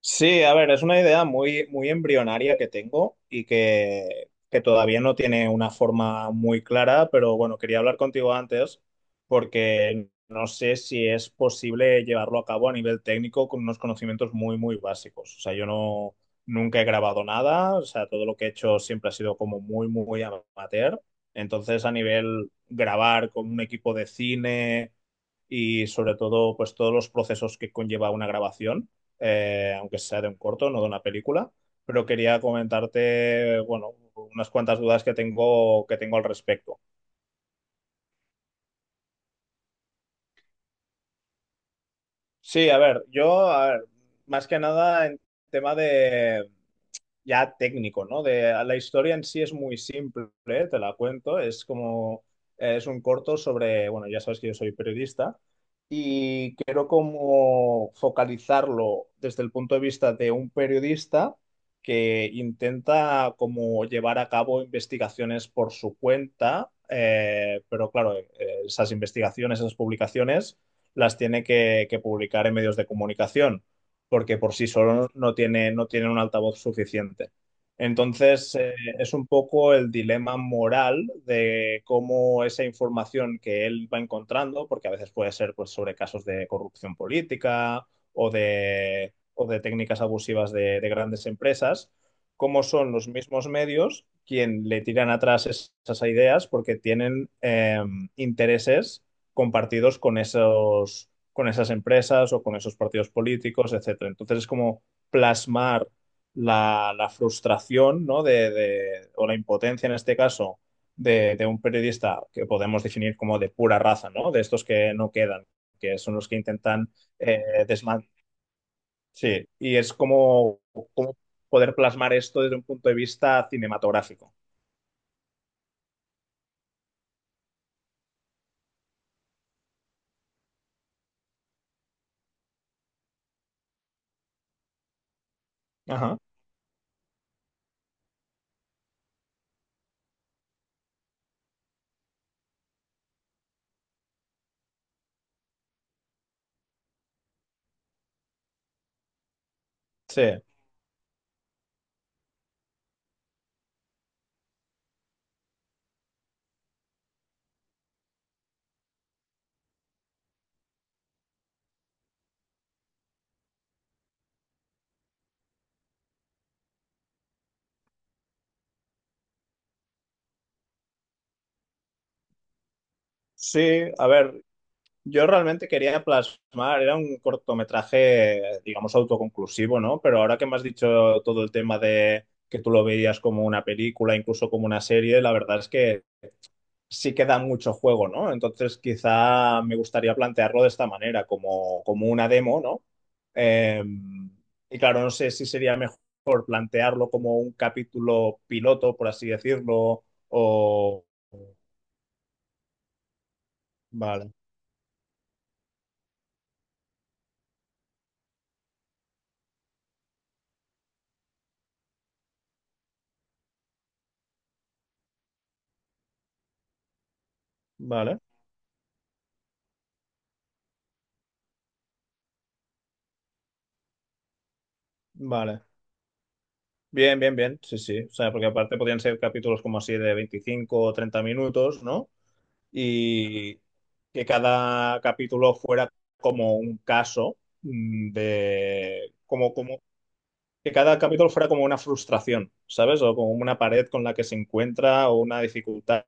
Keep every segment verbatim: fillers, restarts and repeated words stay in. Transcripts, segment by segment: Sí, a ver, es una idea muy, muy embrionaria que tengo y que, que todavía no tiene una forma muy clara, pero bueno, quería hablar contigo antes porque no sé si es posible llevarlo a cabo a nivel técnico con unos conocimientos muy, muy básicos. O sea, yo no, nunca he grabado nada, o sea, todo lo que he hecho siempre ha sido como muy, muy amateur. Entonces, a nivel grabar con un equipo de cine y sobre todo pues todos los procesos que conlleva una grabación, eh, aunque sea de un corto, no de una película. Pero quería comentarte, bueno, unas cuantas dudas que tengo, que tengo al respecto. Sí, a ver, yo, a ver, más que nada en tema de ya técnico, ¿no? De la historia en sí es muy simple, ¿eh? Te la cuento, es como es un corto sobre, bueno, ya sabes que yo soy periodista y quiero como focalizarlo desde el punto de vista de un periodista que intenta como llevar a cabo investigaciones por su cuenta, eh, pero claro, eh, esas investigaciones, esas publicaciones las tiene que, que publicar en medios de comunicación, porque por sí solo no tiene, no tiene un altavoz suficiente. Entonces, eh, es un poco el dilema moral de cómo esa información que él va encontrando, porque a veces puede ser pues, sobre casos de corrupción política o de, o de técnicas abusivas de, de grandes empresas, cómo son los mismos medios quien le tiran atrás es- esas ideas porque tienen eh, intereses compartidos con esos, con esas empresas o con esos partidos políticos, etcétera. Entonces es como plasmar la, la frustración, ¿no? de, de- o la impotencia en este caso de, de un periodista que podemos definir como de pura raza, ¿no? De estos que no quedan, que son los que intentan eh, desman- Sí, y es como, como poder plasmar esto desde un punto de vista cinematográfico. Ajá. Sí. Sí, a ver, yo realmente quería plasmar, era un cortometraje, digamos, autoconclusivo, ¿no? Pero ahora que me has dicho todo el tema de que tú lo veías como una película, incluso como una serie, la verdad es que sí queda mucho juego, ¿no? Entonces quizá me gustaría plantearlo de esta manera, como, como una demo, ¿no? Eh, y claro, no sé si sería mejor plantearlo como un capítulo piloto, por así decirlo, o... Vale, vale, vale. Bien, bien, bien, sí, sí. O sea, porque aparte podían ser capítulos como así de veinticinco o treinta minutos, ¿no? Y que cada capítulo fuera como un caso, mm, de, como, como que cada capítulo fuera como una frustración, ¿sabes? O como una pared con la que se encuentra o una dificultad,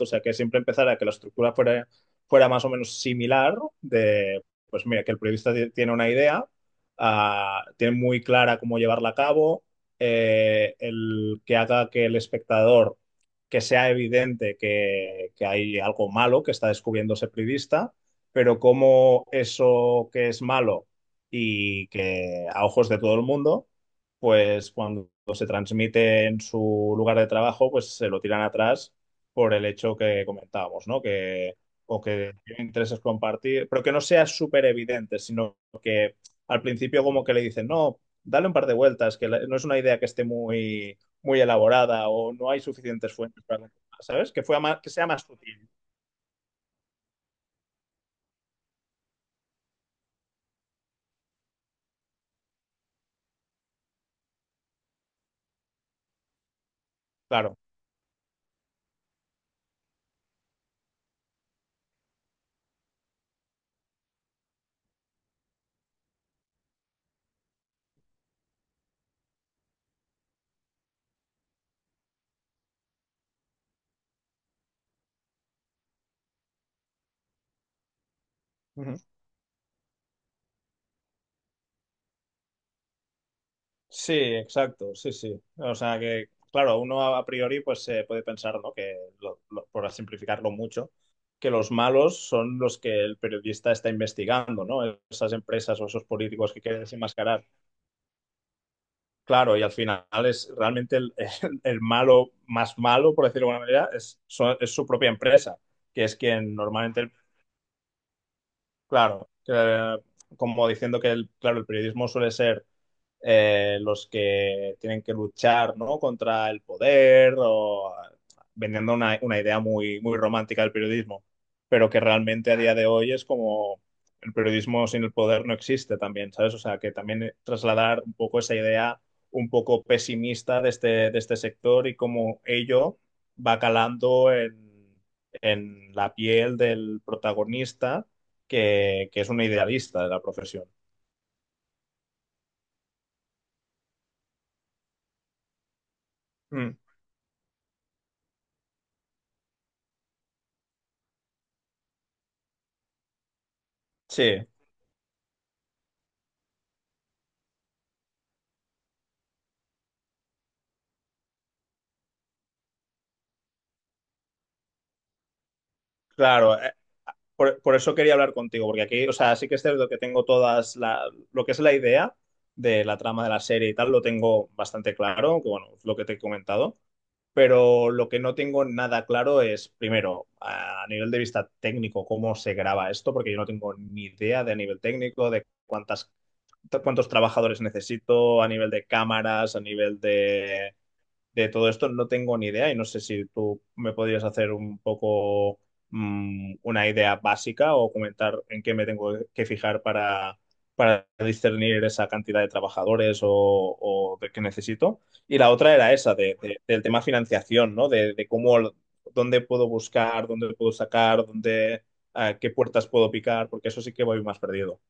o sea, que siempre empezara que la estructura fuera, fuera más o menos similar de, pues mira, que el periodista ti- tiene una idea, ah, tiene muy clara cómo llevarla a cabo, eh, el que haga que el espectador, que sea evidente que, que hay algo malo que está descubriendo ese periodista, pero cómo eso que es malo y que a ojos de todo el mundo pues cuando se transmite en su lugar de trabajo, pues se lo tiran atrás por el hecho que comentábamos, ¿no? Que, o que tienen intereses compartir, pero que no sea súper evidente, sino que al principio como que le dicen, no, dale un par de vueltas, que la- no es una idea que esté muy, muy elaborada o no hay suficientes fuentes para... ¿Sabes? Que, fue a ma- que sea más sutil, claro. Ujú. Sí, exacto, sí, sí. O sea que, claro, uno a a priori pues se puede pensar, ¿no? Que, lo- lo- por simplificarlo mucho, que los malos son los que el periodista está investigando, ¿no? Esas empresas o esos políticos que quieren desenmascarar. Claro, y al final es realmente el, el- el malo más malo, por decirlo de alguna manera, es, so- es su propia empresa, que es quien normalmente, claro, que, como diciendo que, el, claro, el periodismo suele ser eh, los que tienen que luchar, ¿no? Contra el poder o vendiendo una, una idea muy, muy romántica del periodismo, pero que realmente a día de hoy es como el periodismo sin el poder no existe también, ¿sabes? O sea, que también trasladar un poco esa idea un poco pesimista de este, de este sector y cómo ello va calando en, en la piel del protagonista, que, que es un idealista de la profesión. Mm, Sí, claro, por, por eso quería hablar contigo, porque aquí, o sea, sí que es cierto que tengo todas la, lo que es la idea de la trama de la serie y tal, lo tengo bastante claro, que bueno, es lo que te he comentado, pero lo que no tengo nada claro es, primero, a nivel de vista técnico, cómo se graba esto, porque yo no tengo ni idea de a nivel técnico, de cuántas, cuántos trabajadores necesito, a nivel de cámaras, a nivel de de todo esto no tengo ni idea y no sé si tú me podrías hacer un poco, mm, una idea básica o comentar en qué me tengo que fijar para, para discernir esa cantidad de trabajadores o, o de que necesito. Y la otra era esa, de, de- del tema financiación, ¿no? De, de cómo, dónde puedo buscar, dónde puedo sacar, dónde, eh, qué puertas puedo picar, porque eso sí que voy más perdido.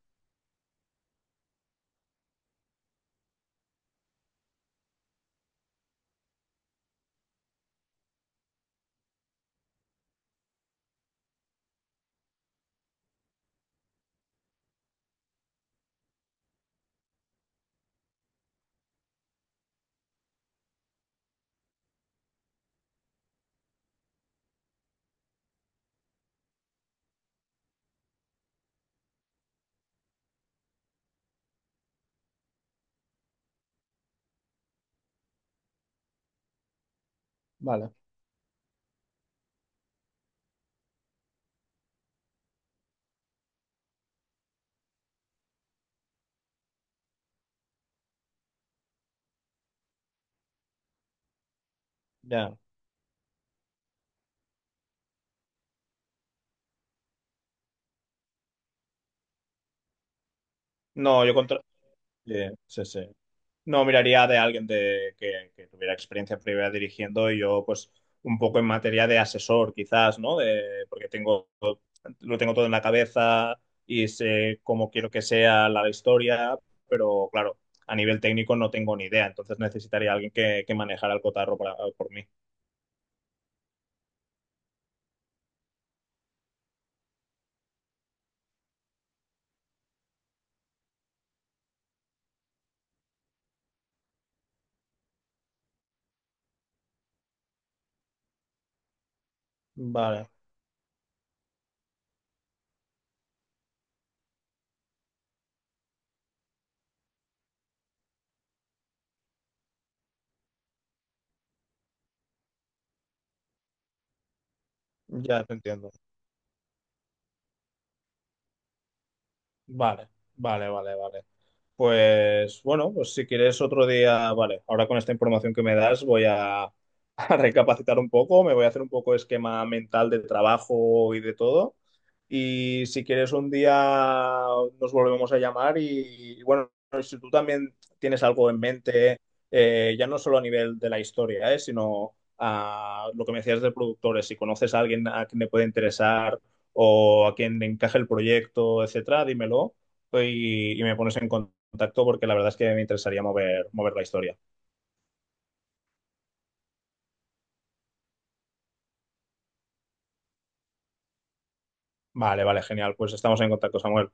Vale. Ya. No, yo contra... Sí, sí, sí. No, miraría de alguien de, que, que tuviera experiencia previa dirigiendo y yo, pues, un poco en materia de asesor, quizás, ¿no? De- porque tengo, lo tengo todo en la cabeza y sé cómo quiero que sea la historia, pero claro, a nivel técnico no tengo ni idea, entonces necesitaría a alguien que, que manejara el cotarro para- por mí. Vale, ya te entiendo. Vale, vale, vale, vale. Pues bueno, pues si quieres otro día, vale, ahora con esta información que me das voy a, a recapacitar un poco, me voy a hacer un poco esquema mental de trabajo y de todo. Y si quieres un día nos volvemos a llamar y, y, bueno, si tú también tienes algo en mente, eh, ya no solo a nivel de la historia, eh, sino a lo que me decías de productores, si conoces a alguien a quien le puede interesar o a quien le encaje el proyecto, etcétera, dímelo pues, y, y me pones en contacto porque la verdad es que me interesaría mover, mover la historia. Vale, vale, genial. Pues estamos en contacto, Samuel.